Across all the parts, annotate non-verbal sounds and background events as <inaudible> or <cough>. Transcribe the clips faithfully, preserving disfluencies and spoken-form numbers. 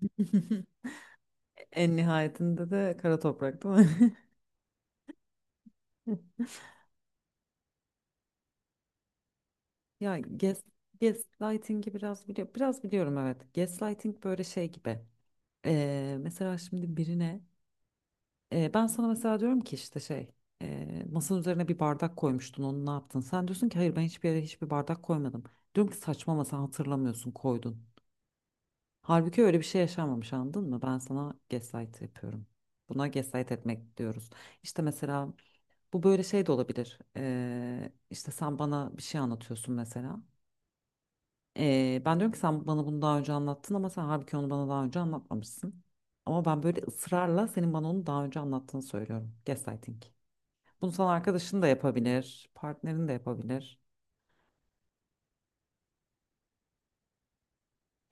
<laughs> En nihayetinde de kara toprak değil mi? <laughs> Ya gas, Gaslighting'i biraz biliyorum. Biraz biliyorum, evet. Gaslighting böyle şey gibi. Ee, mesela şimdi birine e, ben sana mesela diyorum ki işte şey, e, masanın üzerine bir bardak koymuştun, onu ne yaptın? Sen diyorsun ki hayır, ben hiçbir yere hiçbir bardak koymadım. Diyorum ki saçma, ama sen hatırlamıyorsun, koydun. Halbuki öyle bir şey yaşanmamış, anladın mı? Ben sana gaslight yapıyorum. Buna gaslight etmek diyoruz. İşte mesela bu böyle şey de olabilir. Ee, işte sen bana bir şey anlatıyorsun mesela. Ee, ben diyorum ki sen bana bunu daha önce anlattın, ama sen halbuki onu bana daha önce anlatmamışsın. Ama ben böyle ısrarla senin bana onu daha önce anlattığını söylüyorum. Gaslighting. Bunu sana arkadaşın da yapabilir, partnerin de yapabilir.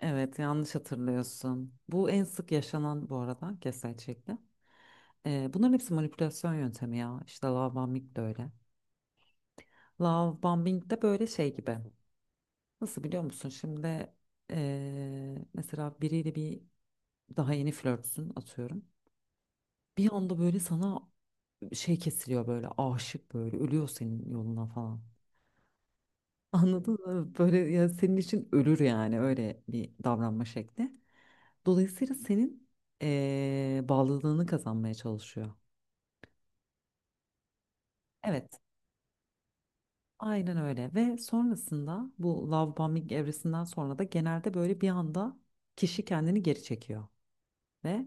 Evet, yanlış hatırlıyorsun. Bu en sık yaşanan, bu arada, gaslight şekli. Ee, bunların hepsi manipülasyon yöntemi ya. İşte love bombing de öyle. Love bombing de böyle şey gibi. Nasıl, biliyor musun? Şimdi eee, mesela biriyle bir daha yeni flörtsün, atıyorum. Bir anda böyle sana şey kesiliyor, böyle aşık, böyle ölüyor senin yoluna falan. <laughs> Anladın mı? Böyle ya senin için ölür, yani öyle bir davranma şekli. Dolayısıyla senin eee bağlılığını kazanmaya çalışıyor. Evet, aynen öyle. Ve sonrasında bu love bombing evresinden sonra da genelde böyle bir anda kişi kendini geri çekiyor ve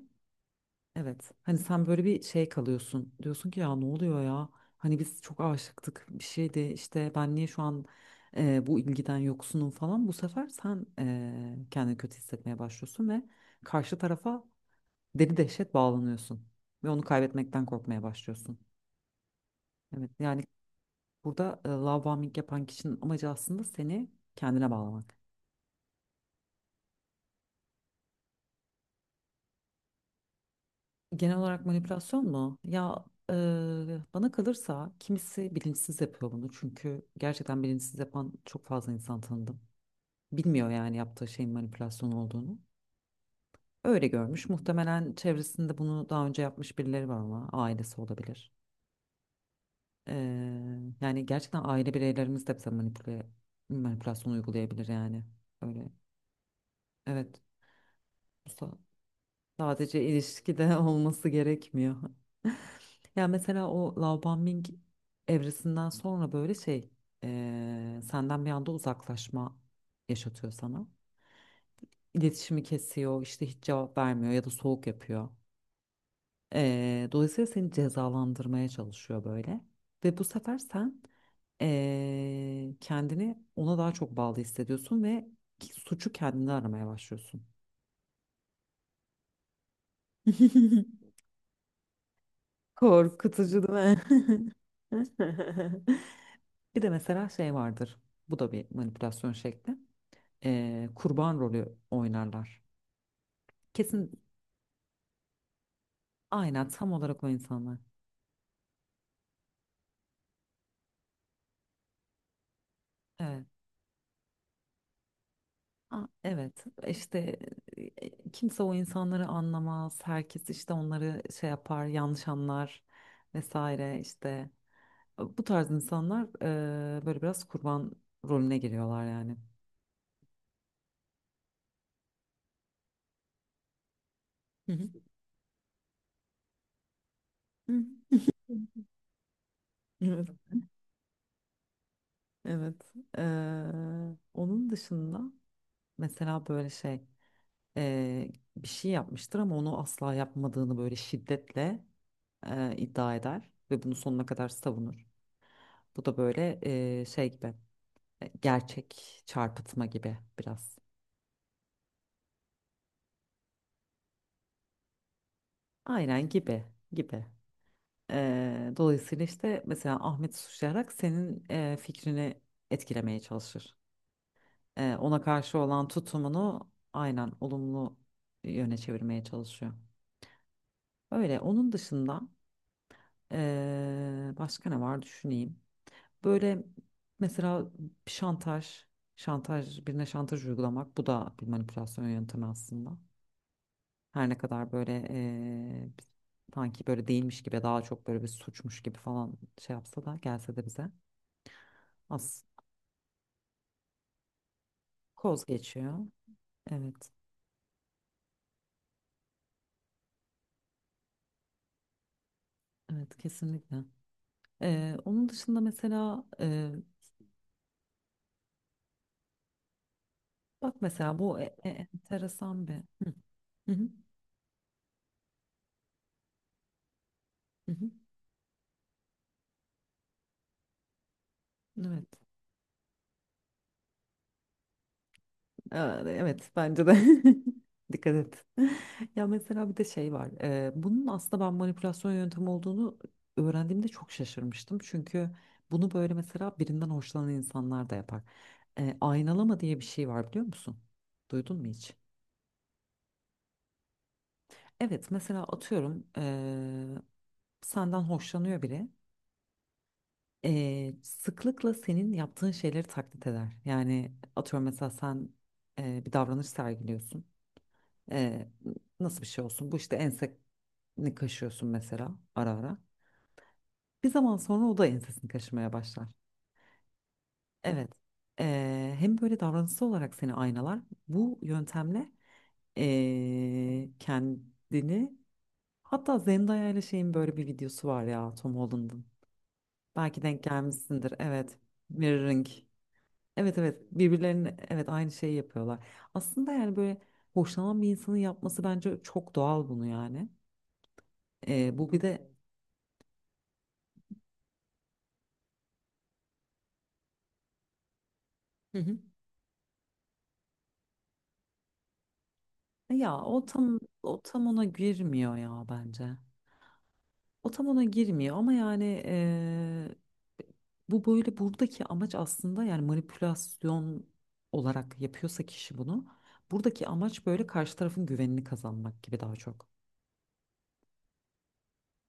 evet. Hani sen böyle bir şey kalıyorsun. Diyorsun ki ya ne oluyor ya? Hani biz çok aşıktık, bir şeydi işte, ben niye şu an e, bu ilgiden yoksunum falan. Bu sefer sen e, kendini kötü hissetmeye başlıyorsun ve karşı tarafa deli dehşet bağlanıyorsun. Ve onu kaybetmekten korkmaya başlıyorsun. Evet, yani burada e, love bombing yapan kişinin amacı aslında seni kendine bağlamak. Genel olarak manipülasyon mu? Ya, e, bana kalırsa kimisi bilinçsiz yapıyor bunu. Çünkü gerçekten bilinçsiz yapan çok fazla insan tanıdım. Bilmiyor yani yaptığı şeyin manipülasyon olduğunu. Öyle görmüş. Muhtemelen çevresinde bunu daha önce yapmış birileri var, ama ailesi olabilir. E, Yani gerçekten aile bireylerimiz de bize manipüle, manipülasyon uygulayabilir yani. Öyle. Evet. Bu sa- Sadece ilişkide <laughs> olması gerekmiyor. Ya mesela o Laobanming evresinden sonra böyle şey, eee, senden bir anda uzaklaşma yaşatıyor sana. İletişimi kesiyor, işte hiç cevap vermiyor ya da soğuk yapıyor. Eee, dolayısıyla seni cezalandırmaya çalışıyor böyle. Ve bu sefer sen eee, kendini ona daha çok bağlı hissediyorsun ve ki- suçu kendine aramaya başlıyorsun. <laughs> Korkutucu değil mi? <laughs> Bir de mesela şey vardır. Bu da bir manipülasyon şekli. Ee, kurban rolü oynarlar. Kesin, aynen, tam olarak o insanlar. Evet. A- evet. İşte e, kimse o insanları anlamaz. Herkes işte onları şey yapar, yanlış anlar vesaire işte. Bu tarz insanlar e, böyle biraz kurban rolüne giriyorlar yani. Hı hı. <laughs> Hı hı. Evet. Evet. Ee, onun dışında mesela böyle şey, eee, bir şey yapmıştır ama onu asla yapmadığını böyle şiddetle eee, iddia eder ve bunu sonuna kadar savunur. Bu da böyle eee, şey gibi, e, gerçek çarpıtma gibi biraz. Aynen, gibi gibi. Eee, dolayısıyla işte mesela Ahmet suçlayarak senin eee, fikrini etkilemeye çalışır. Eee, ona karşı olan tutumunu aynen olumlu yöne çevirmeye çalışıyor. Öyle. Onun dışında eee, başka ne var, düşüneyim. Böyle mesela şantaj, şantaj birine şantaj uygulamak, bu da bir manipülasyon yöntemi aslında. Her ne kadar böyle eee, sanki böyle değilmiş gibi, daha çok böyle bir suçmuş gibi falan şey yapsa da, gelse de bize az koz geçiyor. Evet, evet kesinlikle. Eee, onun dışında mesela eee, bak mesela bu e- e- enteresan bir. Hı, hı, hı, hı, hı. hı. Evet. Aa, evet bence de. <laughs> Dikkat et. <laughs> Ya mesela bir de şey var. E, bunun aslında ben manipülasyon yöntemi olduğunu öğrendiğimde çok şaşırmıştım. Çünkü bunu böyle mesela birinden hoşlanan insanlar da yapar. E, aynalama diye bir şey var, biliyor musun? Duydun mu hiç? Evet, mesela atıyorum, e, senden hoşlanıyor biri. E, sıklıkla senin yaptığın şeyleri taklit eder. Yani atıyorum, mesela sen e, bir davranış sergiliyorsun. Ee, Nasıl bir şey olsun? Bu, işte enseni kaşıyorsun mesela ara ara. Bir zaman sonra o da ensesini kaşımaya başlar. Evet. Ee, hem böyle davranışsal olarak seni aynalar. Bu yöntemle ee, kendini, hatta Zendaya ile şeyin böyle bir videosu var ya, Tom Holland'ın. Belki denk gelmişsindir. Evet. Mirroring. Evet evet, birbirlerine, evet, aynı şeyi yapıyorlar. Aslında yani böyle hoşlanan bir insanın yapması bence çok doğal bunu yani. Ee, bu bir de hı hı. Ya o tam o tam ona girmiyor ya bence. O tam ona girmiyor ama yani eee, bu böyle buradaki amaç aslında yani manipülasyon olarak yapıyorsa kişi bunu, buradaki amaç böyle karşı tarafın güvenini kazanmak gibi daha çok.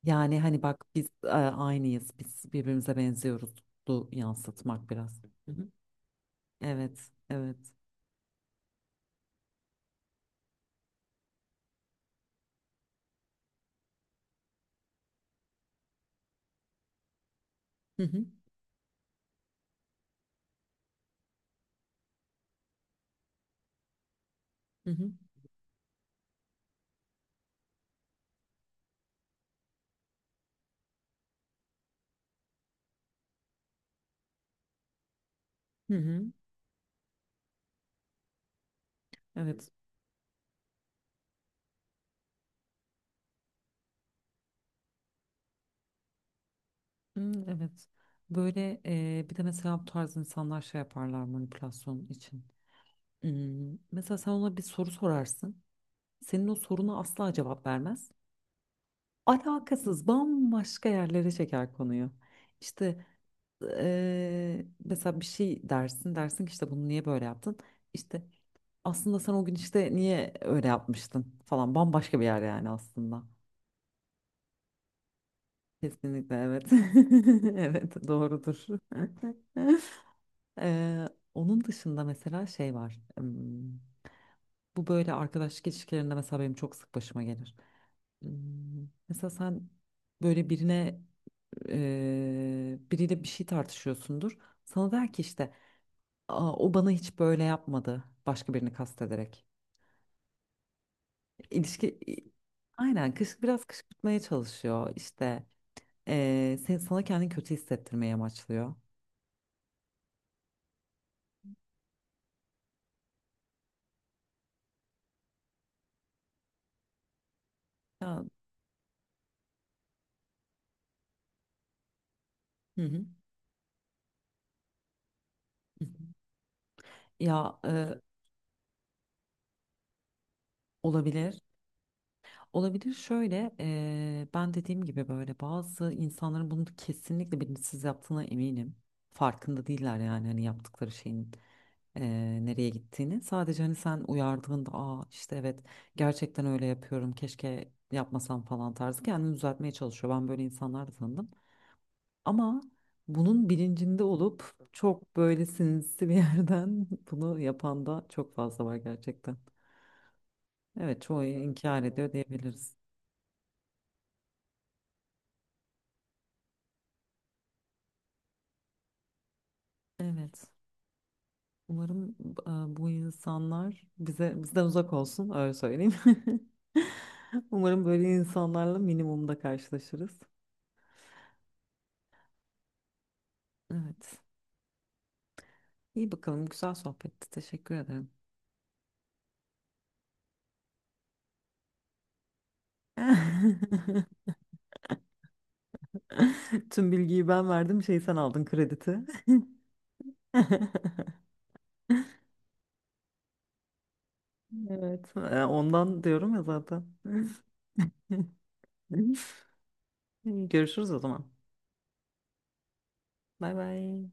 Yani hani bak biz e, aynıyız, biz birbirimize benziyoruz, du yansıtmak biraz. Hı hı. Evet evet. Hı hı. Hı hı. Hı hı. Evet. Hmm, evet. Böyle e, bir de mesela bu tarz insanlar şey yaparlar manipülasyon için. Hmm, mesela sen ona bir soru sorarsın. Senin o soruna asla cevap vermez. Alakasız bambaşka yerlere çeker konuyu. İşte e, mesela bir şey dersin, dersin ki işte bunu niye böyle yaptın? İşte aslında sen o gün işte niye öyle yapmıştın falan, bambaşka bir yer yani aslında. Kesinlikle evet. <laughs> Evet doğrudur. <laughs> Ee, Onun dışında mesela şey var. ım, Bu böyle arkadaşlık ilişkilerinde mesela benim çok sık başıma gelir. Im, Mesela sen böyle birine e, biriyle bir şey tartışıyorsundur. Sana der ki işte, "Aa, o bana hiç böyle yapmadı." Başka birini kastederek. İlişki i- aynen, kış, biraz kışkırtmaya çalışıyor. İşte e, sen, sana kendini kötü hissettirmeye amaçlıyor. Ya, hı hı. Hı hı. ya e, Olabilir. Olabilir şöyle. Eee, ben dediğim gibi, böyle bazı insanların bunu kesinlikle bilinçsiz yaptığına eminim. Farkında değiller yani hani yaptıkları şeyin eee, nereye gittiğini. Sadece hani sen uyardığında, aa işte evet gerçekten öyle yapıyorum, keşke yapmasam falan tarzı, kendini düzeltmeye çalışıyor. Ben böyle insanlar da tanıdım. Ama bunun bilincinde olup çok böyle sinsi bir yerden <laughs> bunu yapan da çok fazla var gerçekten. Evet, çoğu inkar ediyor diyebiliriz. Evet. Umarım e, bu insanlar bize bizden uzak olsun, öyle söyleyeyim. <laughs> Umarım böyle insanlarla minimumda karşılaşırız. Evet. İyi bakalım. Güzel sohbetti. Teşekkür ederim. <laughs> Tüm bilgiyi ben verdim. Şey, sen aldın krediti. <laughs> Evet. e, Ondan diyorum ya zaten. <laughs> Görüşürüz o zaman. Bay bay.